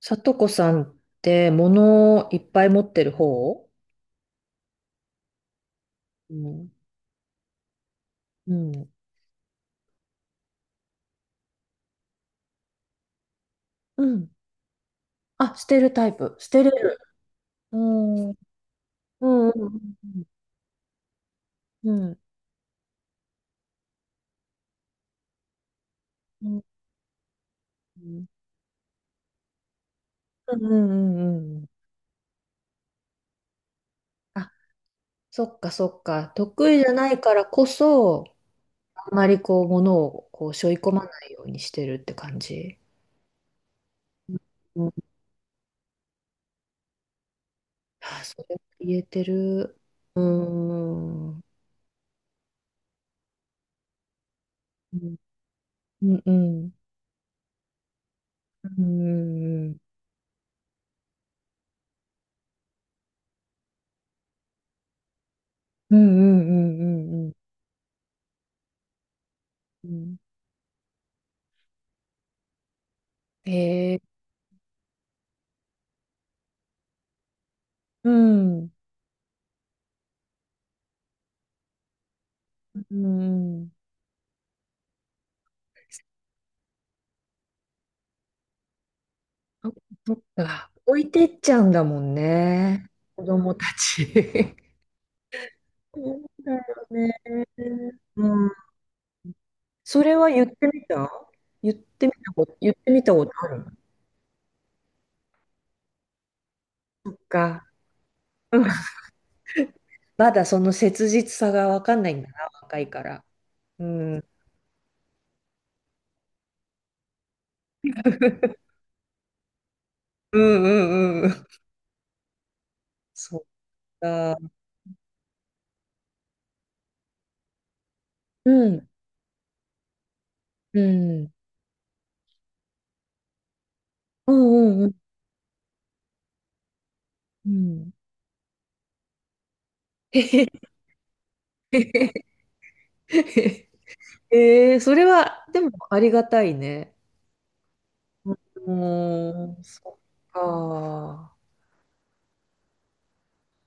さとこさんって物をいっぱい持ってる方。うん。うん。うん。あ、捨てるタイプ。捨てれる。うん。うんうんうんうん。うんうんうんうん。あ、そっかそっか。得意じゃないからこそ、あんまりこう物をこう背負い込まないようにしてるって感じ。うん。あ、それも言えてる。うん。うんうんうんうんうんうんうんうんうんうんうん。ええ。うん。うん。そ、そっか。置いてっちゃうんだもんね、子供たち。そうだよね。うん。それは言ってみた、言ってみたこと、言ってみたことあるの？そっか。うん。まだその切実さがわかんないんだな、若いから。うん。うんうんうん。そっか。うん。うん。うんうんうん。うん。へへ、へへ。ええ、それは、でもありがたいね。うーん、そっか。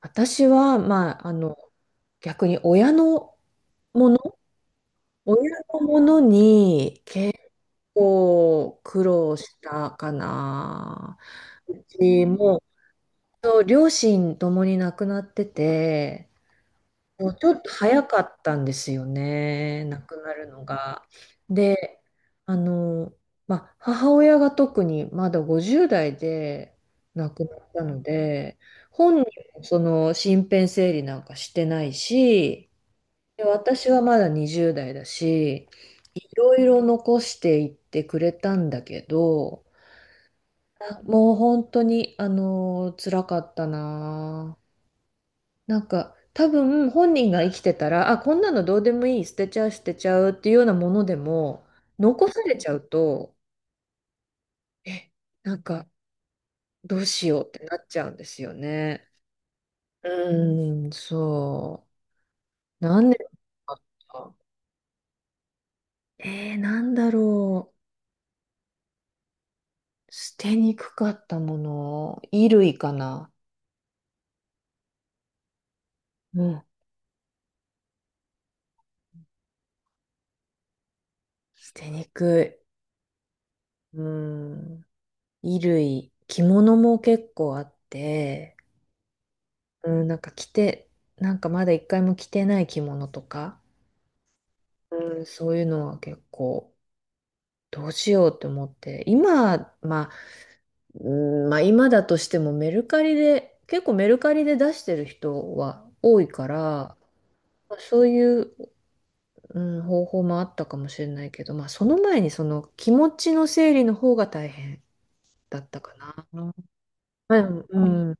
私は、まあ、逆に親のもの、親のものに結構苦労したかな。うちも、そう、両親ともに亡くなってて、もうちょっと早かったんですよね、亡くなるのが。で、あの、まあ、母親が特にまだ50代で亡くなったので、本人もその身辺整理なんかしてないし、で、私はまだ20代だし、いろいろ残していってくれたんだけど、あ、もう本当に、辛かったな。なんか多分本人が生きてたら、あ、こんなのどうでもいい、捨てちゃうっていうようなものでも、残されちゃうと、え、なんかどうしようってなっちゃうんですよね。うーん、そう。何年かあった。なんだろう。捨てにくかったもの。衣類かな。うん。捨てにくい。うん。衣類。着物も結構あって、うん、なんか着て、なんかまだ一回も着てない着物とか、うん、そういうのは結構どうしようって思って、今、まあ、うん、まあ今だとしてもメルカリで、結構メルカリで出してる人は多いから、まあそういう、うん、方法もあったかもしれないけど、まあその前にその気持ちの整理の方が大変だったかな。うん。うん、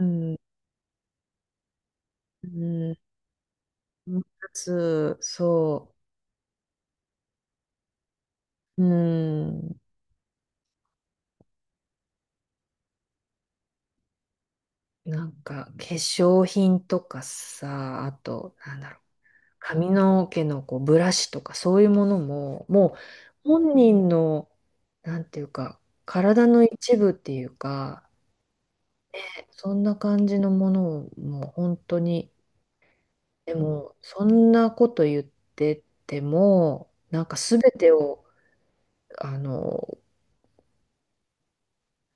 うん、うん、うん、そう、うん。なんか化粧品とかさ、あと、なんだろう、髪の毛のこうブラシとかそういうものも、もう本人の、なんていうか、体の一部っていうか、そんな感じのものをもう本当に、でも、そんなこと言ってても、なんか全てを、あの、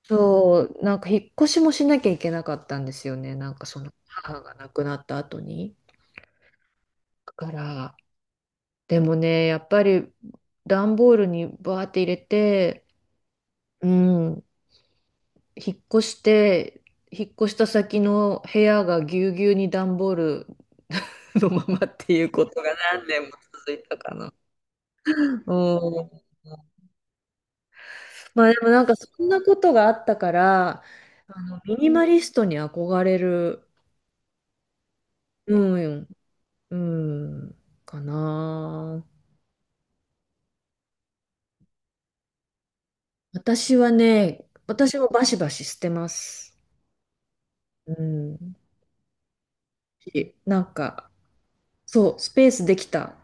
そう、なんか引っ越しもしなきゃいけなかったんですよね、なんかその母が亡くなった後に。だから、でもね、やっぱり段ボールにバーって入れて、うん、引っ越して、引っ越した先の部屋がぎゅうぎゅうに段ボールのままっていうことが何年も続いたかな。うん。まあでもなんかそんなことがあったから、あのミニマリストに憧れる、うん、うん、かな。私はね、私もバシバシ捨てます。うん。なんか、そう、スペースできたっ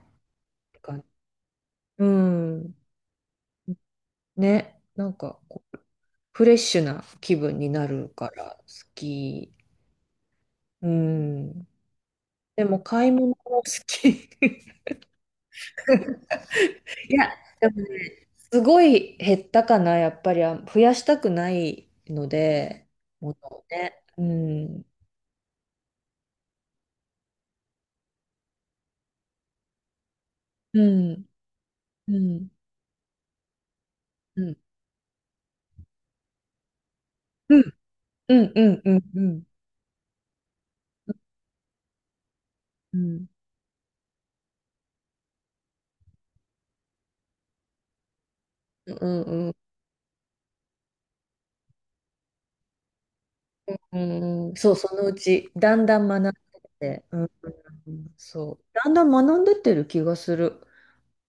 て感じ。うん。ね。なんかこう、フレッシュな気分になるから、好き。うん。でも、買い物も好き。いや、でもね、すごい減ったかな、やっぱり。あ、増やしたくないので、ものをね。うん。うん。うん。うん。うん。うん。うん。うん。うんうんうんうんうんうん、そう、そのうち、だんだん学んでて、うん、うん、そう。だんだん学んでってる気がする。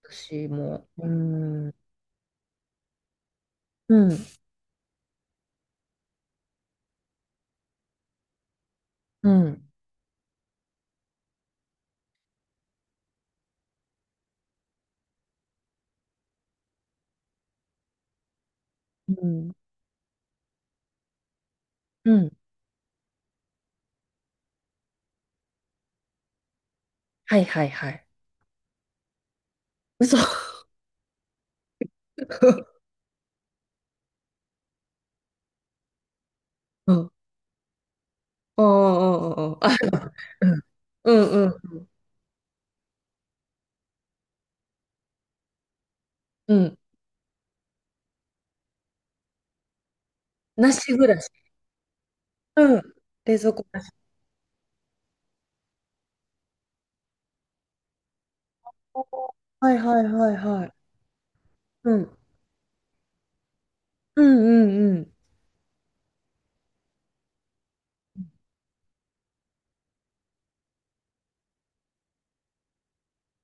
私も。うん。うん。うん。うん。うん。はいはいはい。嘘。うん。ああ、ああ、ああ。うん。うん。うん。なし暮らし。うん。冷蔵庫なし。はいはいはいはい。うん。うんうんうん。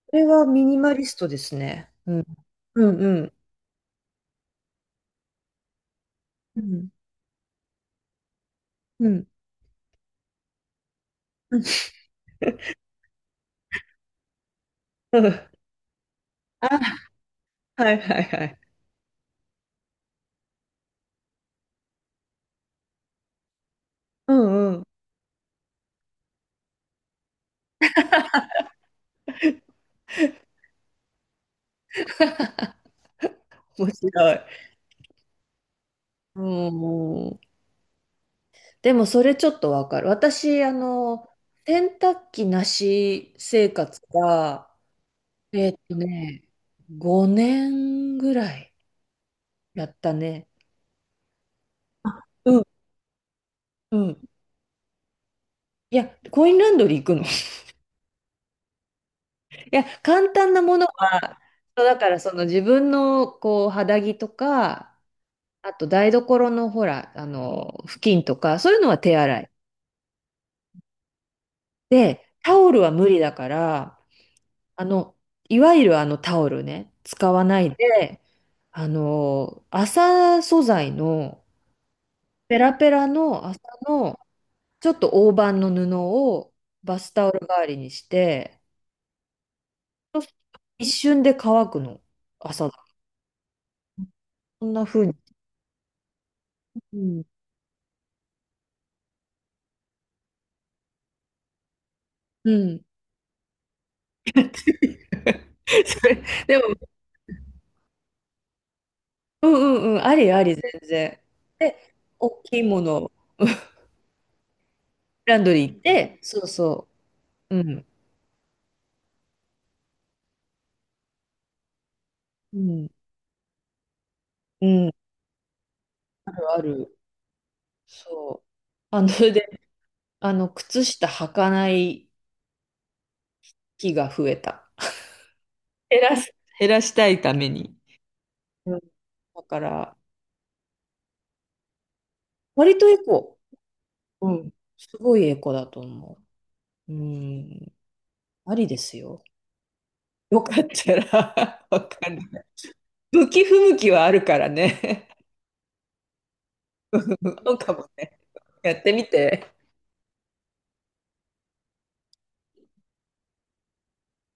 これはミニマリストですね。うん。うんうん。うん。うん。あ、はいはいはい。うんうん。面白い。うん。でもそれちょっとわかる。私、洗濯機なし生活が、えーっとね、5年ぐらいやったね。あ、うんうん。いや、コインランドリー行くの。いや、簡単なものは、そうだからその自分のこう肌着とか、あと台所のほら、布巾とか、そういうのは手洗い。で、タオルは無理だから、あの、いわゆるあのタオルね、使わないで、麻素材の、ペラペラの麻の、ちょっと大判の布をバスタオル代わりにして、そうすると一瞬で乾くの、朝だ。こんな風に。うん。うん。それでも、うんうんうん、ありあり、全然。で、大きいもの、ランドリー行って、そうそう。うん。うん。うん。あるある。そう。あの、で、あの、靴下履かない日が増えた。減らす、減らしたいために。うん。だから、割とエコ。うん。すごいエコだと思う。うん。ありですよ。よかったら わかんない。向き不向きはあるからね。そうかもね。やってみて。